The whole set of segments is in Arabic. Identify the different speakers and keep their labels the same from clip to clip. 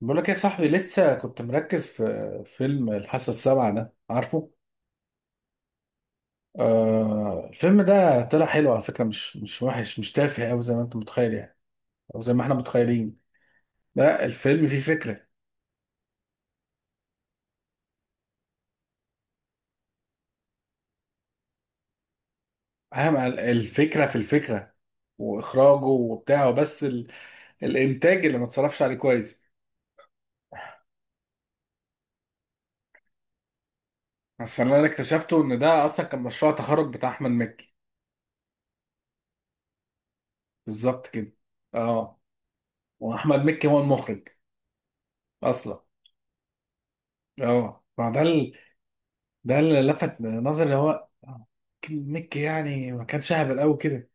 Speaker 1: بقول لك يا صاحبي، لسه كنت مركز في فيلم الحاسة السابعة ده، عارفه؟ آه، الفيلم ده طلع حلو على فكرة، مش وحش، مش تافه أوي زي ما أنت متخيل يعني. أو زي ما إحنا متخيلين. لا، الفيلم فيه فكرة. أهم الفكرة في الفكرة، وإخراجه وبتاعه، بس الإنتاج اللي ما اتصرفش عليه كويس. بس اللي أنا اكتشفته إن ده أصلا كان مشروع تخرج بتاع أحمد مكي، بالظبط كده. أه. وأحمد مكي هو المخرج أصلا. أه، ما ده، ده اللي لفت نظري، اللي هو نيك يعني، ما كانش اهبل قوي كده،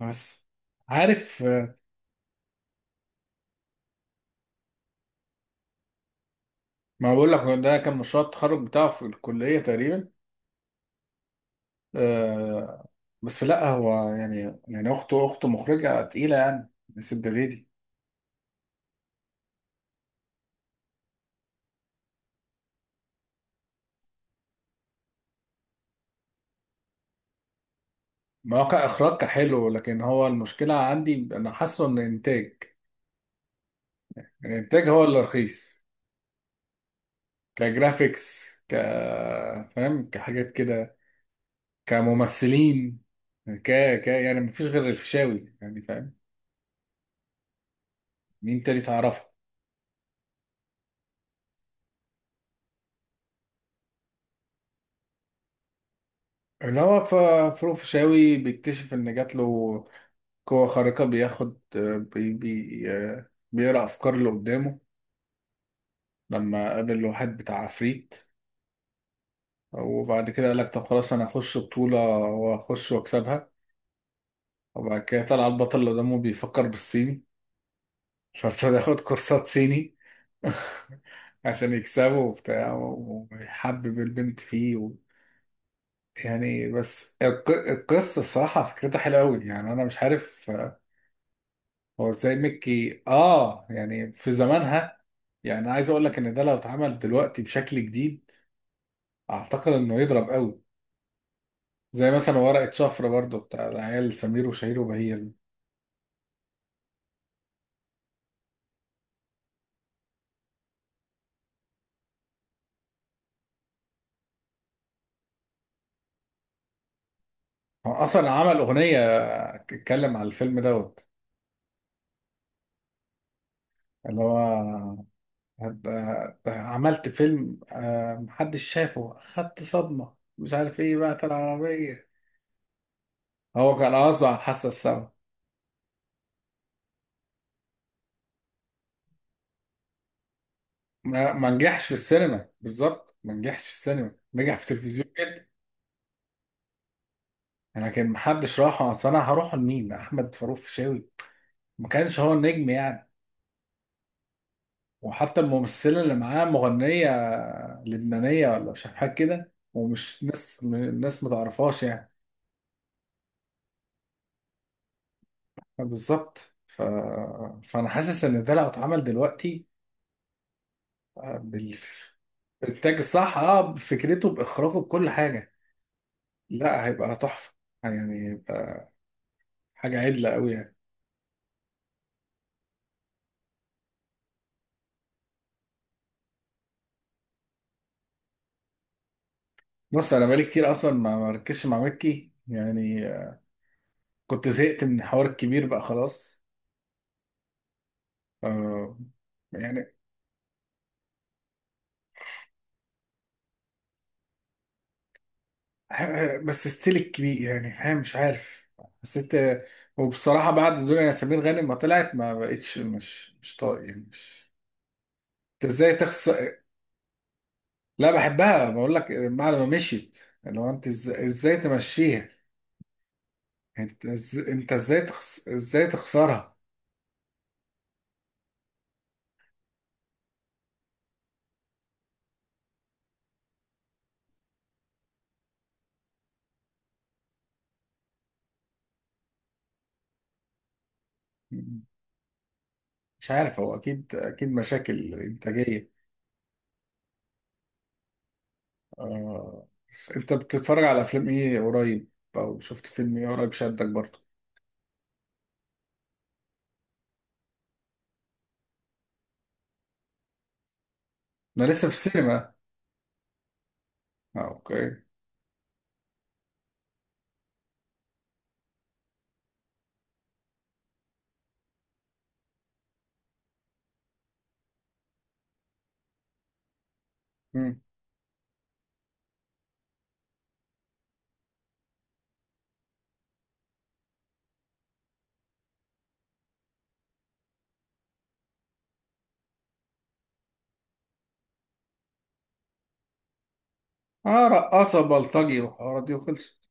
Speaker 1: بس. عارف؟ ما بقول لك ده كان مشروع التخرج بتاعه في الكلية تقريبا. آه. بس لا، هو يعني اخته مخرجة تقيلة يعني. نسيب دي. ما هو كإخراج كان حلو، لكن هو المشكلة عندي، انا حاسه ان انتاج، الانتاج هو اللي رخيص. كجرافيكس، فاهم، كحاجات كده، كممثلين، ك ك يعني مفيش غير الفيشاوي يعني، فاهم؟ مين تاني تعرفه؟ اللي هو فروق فيشاوي بيكتشف ان جات له قوة خارقة، بياخد، بي بي بيقرأ افكار اللي قدامه، لما قابل واحد بتاع عفريت. وبعد كده قال لك: طب خلاص، انا هخش بطولة واخش واكسبها. وبعد كده طلع البطل اللي قدامه بيفكر بالصيني، فابتدى ياخد كورسات صيني عشان يكسبه وبتاع، ويحبب البنت فيه و... يعني بس القصة، الصراحة فكرتها حلوة أوي، يعني أنا مش عارف هو ازاي مكي يعني في زمانها. يعني عايز اقول لك ان ده لو اتعمل دلوقتي بشكل جديد، اعتقد انه يضرب قوي، زي مثلا ورقة شفرة، برضو بتاع العيال سمير وشهير وبهير دي. هو اصلا عمل اغنية اتكلم على الفيلم دوت. اللي هو عملت فيلم، محدش شافه، خدت صدمة، مش عارف ايه بقى العربية. هو كان قصده على الحاسة السابعة. ما نجحش في السينما، بالظبط، ما نجحش في السينما، نجح في التلفزيون. انا، كان محدش راح، اصل انا هروح لمين؟ احمد فاروق فيشاوي؟ ما كانش هو النجم يعني. وحتى الممثله اللي معاه مغنيه لبنانيه، ولا مش عارف حاجه كده، ومش ناس، الناس ما تعرفهاش يعني. بالظبط فانا حاسس ان ده لو اتعمل دلوقتي بال... بالإنتاج الصح، بفكرته، باخراجه، بكل حاجه، لا هيبقى تحفه، يعني هيبقى حاجه عدله قوي يعني. بص، انا بقالي كتير اصلا ما مركزش مع مكي يعني، كنت زهقت من الحوار الكبير بقى خلاص. آه يعني، ه- بس ستيل الكبير يعني، ها مش عارف، حسيت. وبصراحة، بعد دنيا ياسمين غانم ما طلعت، ما بقتش، مش طايق يعني، مش. انت ازاي تخسر؟ لا، بحبها، بقول لك بعد ما مشيت. لو انت ازاي تمشيها؟ انت انت ازاي ازاي تخسرها؟ مش عارف، هو اكيد اكيد مشاكل انتاجية. آه. بس انت بتتفرج على افلام ايه قريب؟ او شفت فيلم ايه قريب شدك برضه؟ انا لسه في السينما. آه، اوكي. مم. اه، رقاصة بلطجي والحوارات دي، وخلصت.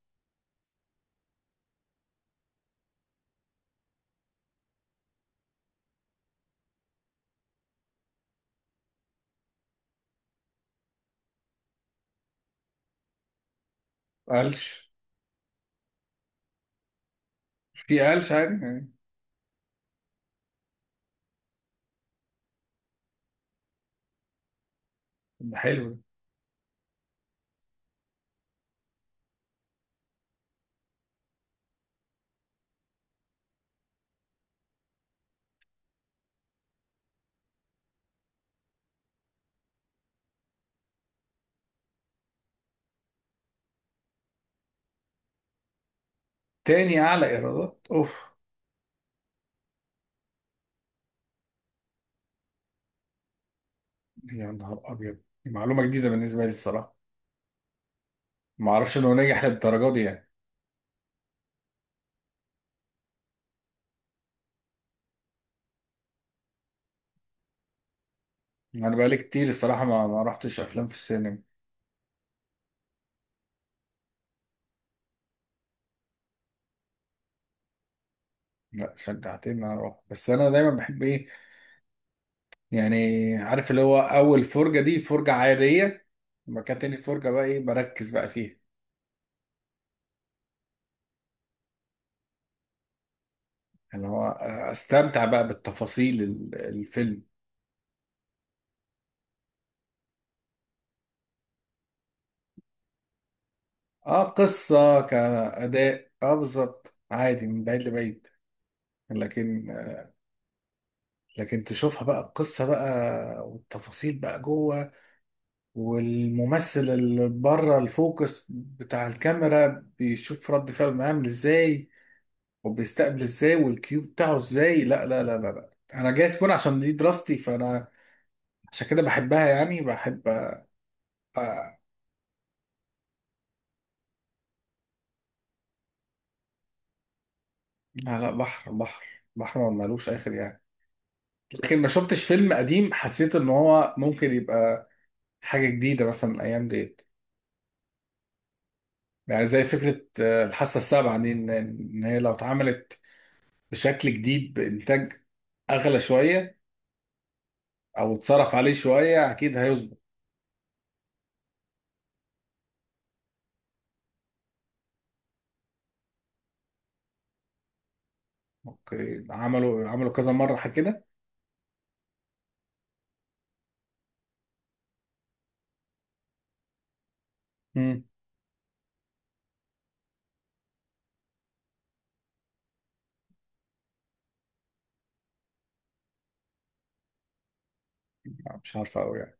Speaker 1: قلش. في قلش عادي يعني. ده حلو ده. تاني اعلى ايرادات؟ اوف. يا نهار ابيض، دي معلومة جديدة بالنسبة لي الصراحة، ما اعرفش انه ناجح للدرجة دي يعني. انا بقالي كتير، الصراحة ما رحتش افلام في السينما. لا، شجعتني ان انا اروح، بس انا دايما بحب ايه يعني، عارف اللي هو اول فرجة دي فرجة عادية، لما كانت تاني فرجة بقى ايه، بركز بقى فيها، اللي هو استمتع بقى بالتفاصيل الفيلم. اه قصة كأداء، بالظبط، عادي، من بعيد لبعيد. لكن، لكن تشوفها بقى القصة بقى والتفاصيل بقى جوه، والممثل اللي بره الفوكس بتاع الكاميرا بيشوف رد فعله عامل ازاي، وبيستقبل ازاي، والكيو بتاعه ازاي. لا لا لا لا, لا. انا جايز فون عشان دي دراستي، فانا عشان كده بحبها، يعني بحب. آه لا، لا، بحر بحر، بحر ما ملوش اخر يعني. لكن ما شفتش فيلم قديم حسيت ان هو ممكن يبقى حاجة جديدة، مثلا الأيام ديت. يعني زي فكرة، الحاسة السابعة دي، إن هي لو اتعملت بشكل جديد بإنتاج أغلى شوية، أو اتصرف عليه شوية، أكيد هيظبط. أوكي، عملوا كذا مرة حاجة كده. مم. لا، مش عارفة أوي يعني.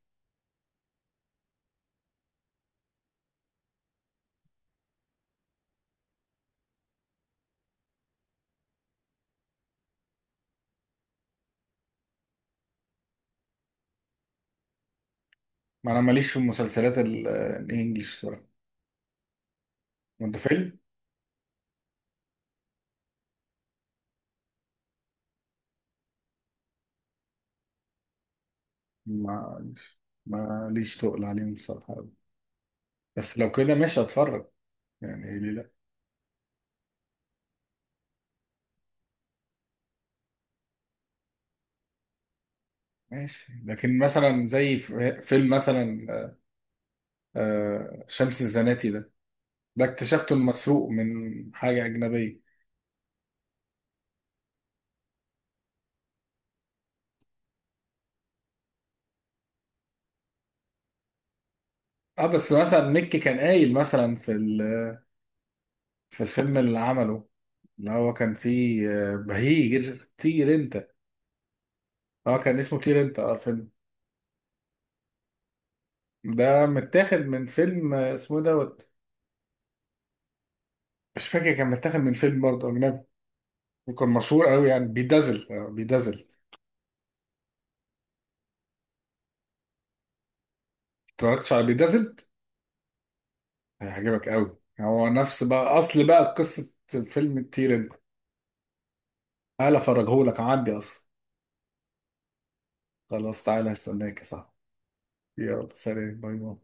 Speaker 1: ما أنا ماليش في المسلسلات الإنجليش صراحة. وأنت فيلم؟ ماليش، ماليش تقل عليهم الصراحة أوي، بس لو كده ماشي أتفرج، يعني ليه لأ. ماشي، لكن مثلا زي فيلم مثلا، شمس الزناتي ده، ده اكتشفته المسروق من حاجة أجنبية. اه بس مثلا ميكي كان قايل مثلا في في الفيلم اللي عمله، اللي هو كان فيه بهيج طير انت. اه، كان اسمه طير انت، الفيلم ده متاخد من فيلم، اسمه إيه دوت. مش فاكر، كان متاخد من فيلم برضه أجنبي، وكان مشهور قوي يعني، بيدازل، بيدازل. اتفرجتش على بيدازل؟ هيعجبك قوي، هو نفس بقى أصل بقى قصة فيلم الطير انت. تعالى أفرجهولك عندي أصلا. خلاص تعالى، هستناك يا صاحبي. يلا سلام، باي باي.